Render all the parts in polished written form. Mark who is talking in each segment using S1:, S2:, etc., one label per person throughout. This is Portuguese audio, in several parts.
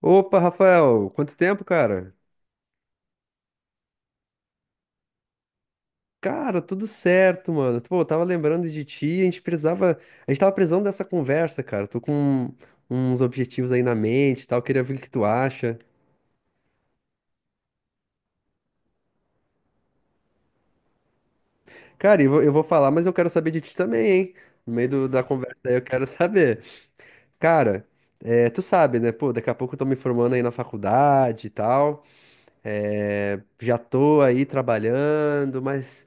S1: Opa, Rafael, quanto tempo, cara? Cara, tudo certo, mano. Pô, eu tava lembrando de ti, a gente tava precisando dessa conversa, cara. Tô com uns objetivos aí na mente, e tal, queria ver o que tu acha. Cara, eu vou falar, mas eu quero saber de ti também, hein? No meio da conversa aí eu quero saber. Cara, é, tu sabe, né? Pô, daqui a pouco eu tô me formando aí na faculdade e tal. É, já tô aí trabalhando, mas,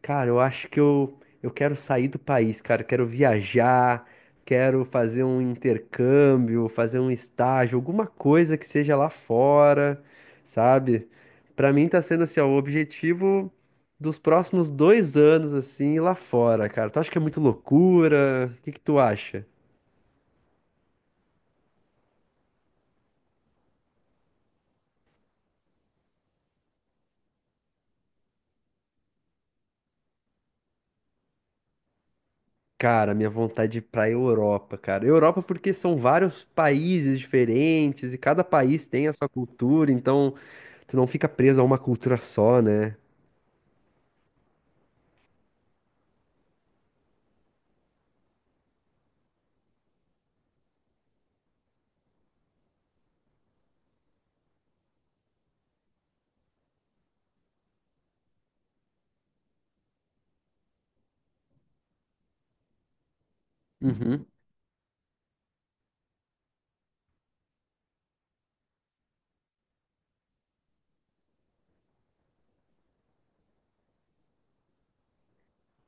S1: cara, eu acho eu quero sair do país, cara. Eu quero viajar, quero fazer um intercâmbio, fazer um estágio, alguma coisa que seja lá fora, sabe? Pra mim tá sendo assim, ó, o objetivo dos próximos dois anos, assim, lá fora, cara. Tu acha que é muito loucura? O que que tu acha? Cara, minha vontade de ir pra Europa, cara. Europa porque são vários países diferentes e cada país tem a sua cultura, então tu não fica preso a uma cultura só, né? Uhum.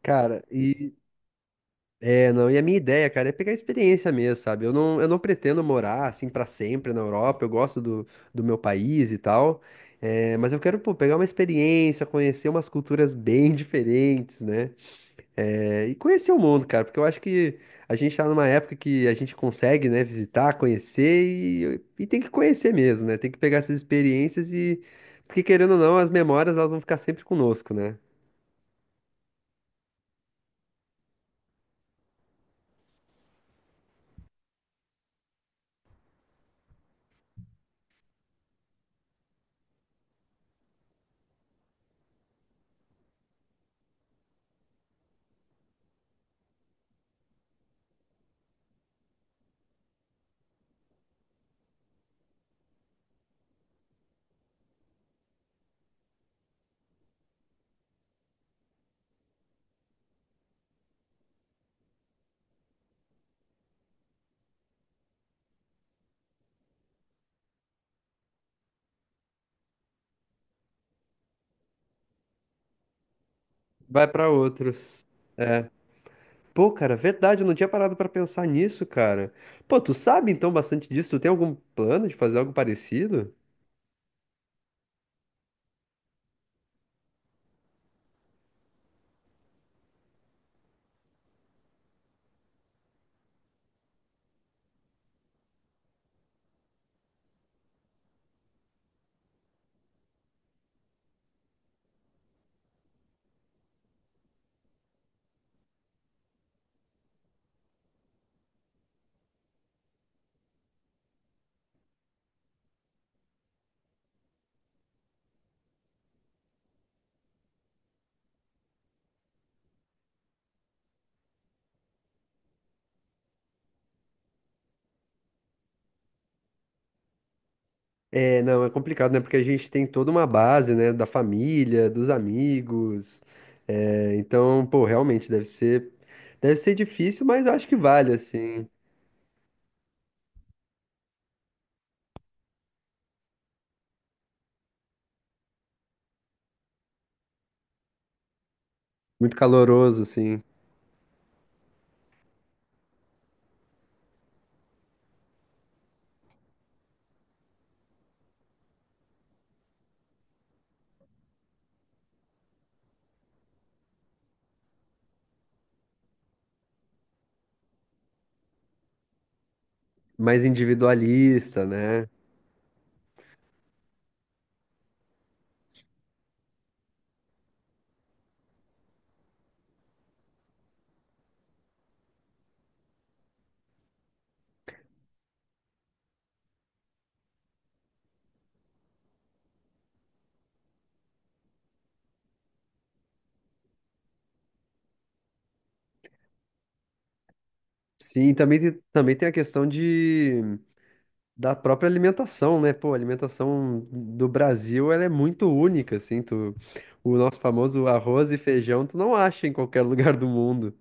S1: Cara, e é, não, e a minha ideia, cara, é pegar a experiência mesmo, sabe? Eu não pretendo morar assim pra sempre na Europa, eu gosto do meu país e tal, é, mas eu quero, pô, pegar uma experiência, conhecer umas culturas bem diferentes, né? É, e conhecer o mundo, cara, porque eu acho que a gente tá numa época que a gente consegue, né, visitar, conhecer e tem que conhecer mesmo, né? Tem que pegar essas experiências e, porque querendo ou não, as memórias elas vão ficar sempre conosco, né? Vai pra outros. É. Pô, cara, verdade, eu não tinha parado pra pensar nisso, cara. Pô, tu sabe então bastante disso? Tu tem algum plano de fazer algo parecido? É, não, é complicado, né? Porque a gente tem toda uma base, né? Da família, dos amigos. É, então, pô, deve ser difícil, mas eu acho que vale, assim. Muito caloroso, assim. Mais individualista, né? Sim, e também tem a questão de, da própria alimentação, né? Pô, a alimentação do Brasil, ela é muito única, assim. Tu, o nosso famoso arroz e feijão, tu não acha em qualquer lugar do mundo.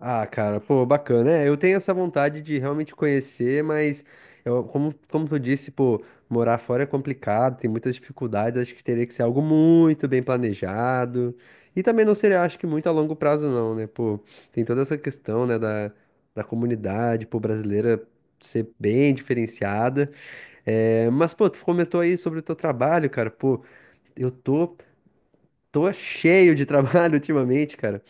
S1: Ah, cara, pô, bacana. É, eu tenho essa vontade de realmente conhecer, mas eu, como, como tu disse, pô, morar fora é complicado, tem muitas dificuldades, acho que teria que ser algo muito bem planejado. E também não seria, acho que muito a longo prazo, não, né? Pô, tem toda essa questão, né, da, da comunidade, pô, brasileira ser bem diferenciada. É, mas, pô, tu comentou aí sobre o teu trabalho, cara, pô, eu tô, tô cheio de trabalho ultimamente, cara.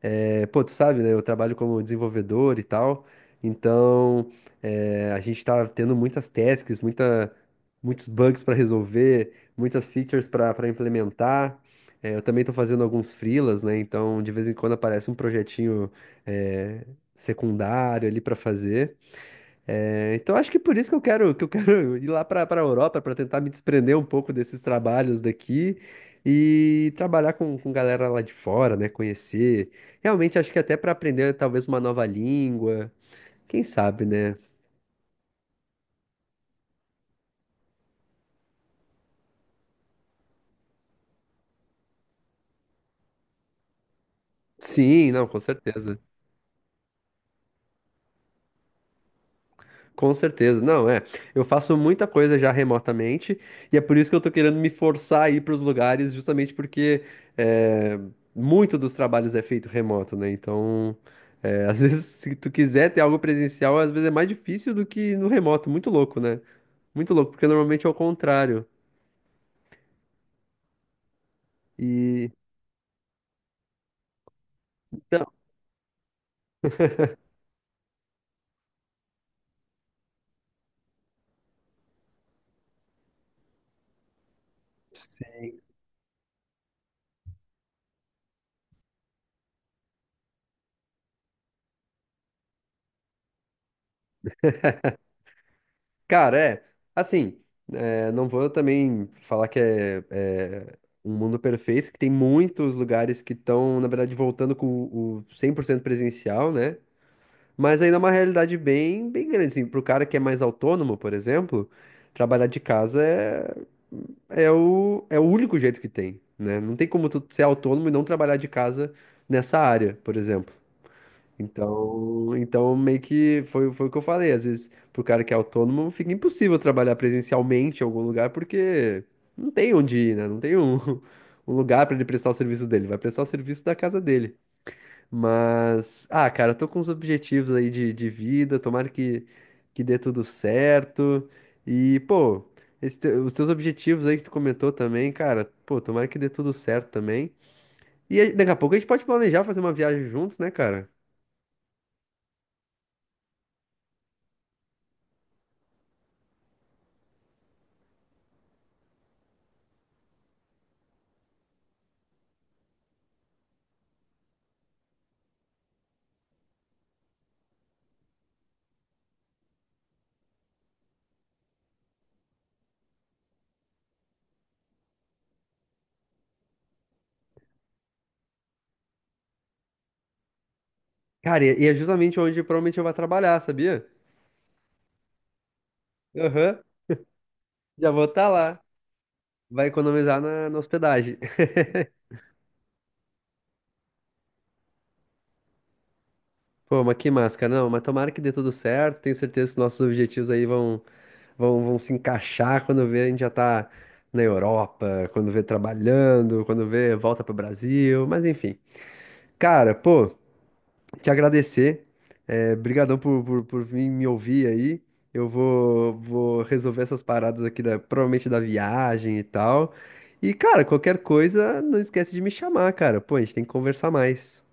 S1: É, pô, tu sabe, né? Eu trabalho como desenvolvedor e tal, então é, a gente tá tendo muitas tasks, muitos bugs para resolver, muitas features para implementar. É, eu também tô fazendo alguns freelas, né? Então de vez em quando aparece um projetinho é, secundário ali para fazer. É, então acho que por isso que eu quero ir lá para a Europa para tentar me desprender um pouco desses trabalhos daqui e trabalhar com galera lá de fora, né? Conhecer. Realmente acho que até para aprender talvez uma nova língua, quem sabe, né? Sim, não, com certeza. Com certeza, não é. Eu faço muita coisa já remotamente e é por isso que eu tô querendo me forçar a ir para os lugares, justamente porque é, muito dos trabalhos é feito remoto, né? Então, é, às vezes, se tu quiser ter algo presencial, às vezes é mais difícil do que no remoto. Muito louco, né? Muito louco, porque normalmente é o contrário. E então, cara, é. Assim, é, não vou também falar que é, é um mundo perfeito, que tem muitos lugares que estão, na verdade, voltando com o 100% presencial, né? Mas ainda é uma realidade bem grande, assim. Pro cara que é mais autônomo, por exemplo, trabalhar de casa é, é o único jeito que tem, né? Não tem como tu ser autônomo e não trabalhar de casa nessa área, por exemplo. Então, meio que foi, foi o que eu falei. Às vezes, pro cara que é autônomo, fica impossível trabalhar presencialmente em algum lugar, porque não tem onde ir, né? Não tem um, um lugar para ele prestar o serviço dele. Vai prestar o serviço da casa dele. Mas, ah, cara, eu tô com os objetivos aí de vida. Tomara que dê tudo certo. E, pô, esse os teus objetivos aí que tu comentou também, cara, pô, tomara que dê tudo certo também. E aí, daqui a pouco a gente pode planejar fazer uma viagem juntos, né, cara? Cara, e é justamente onde provavelmente eu vou trabalhar, sabia? Aham, já vou estar lá. Vai economizar na hospedagem. Pô, mas que máscara, não, mas tomara que dê tudo certo. Tenho certeza que nossos objetivos aí vão, vão se encaixar quando vê a gente já tá na Europa, quando vê trabalhando, quando vê volta pro Brasil, mas enfim. Cara, pô, te agradecer. É, brigadão por vir me ouvir aí. Vou resolver essas paradas aqui, da, provavelmente da viagem e tal. E, cara, qualquer coisa, não esquece de me chamar, cara. Pô, a gente tem que conversar mais.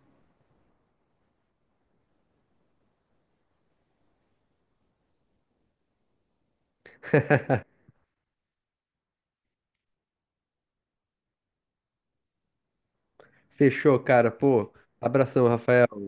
S1: Fechou, cara. Pô, abração, Rafael.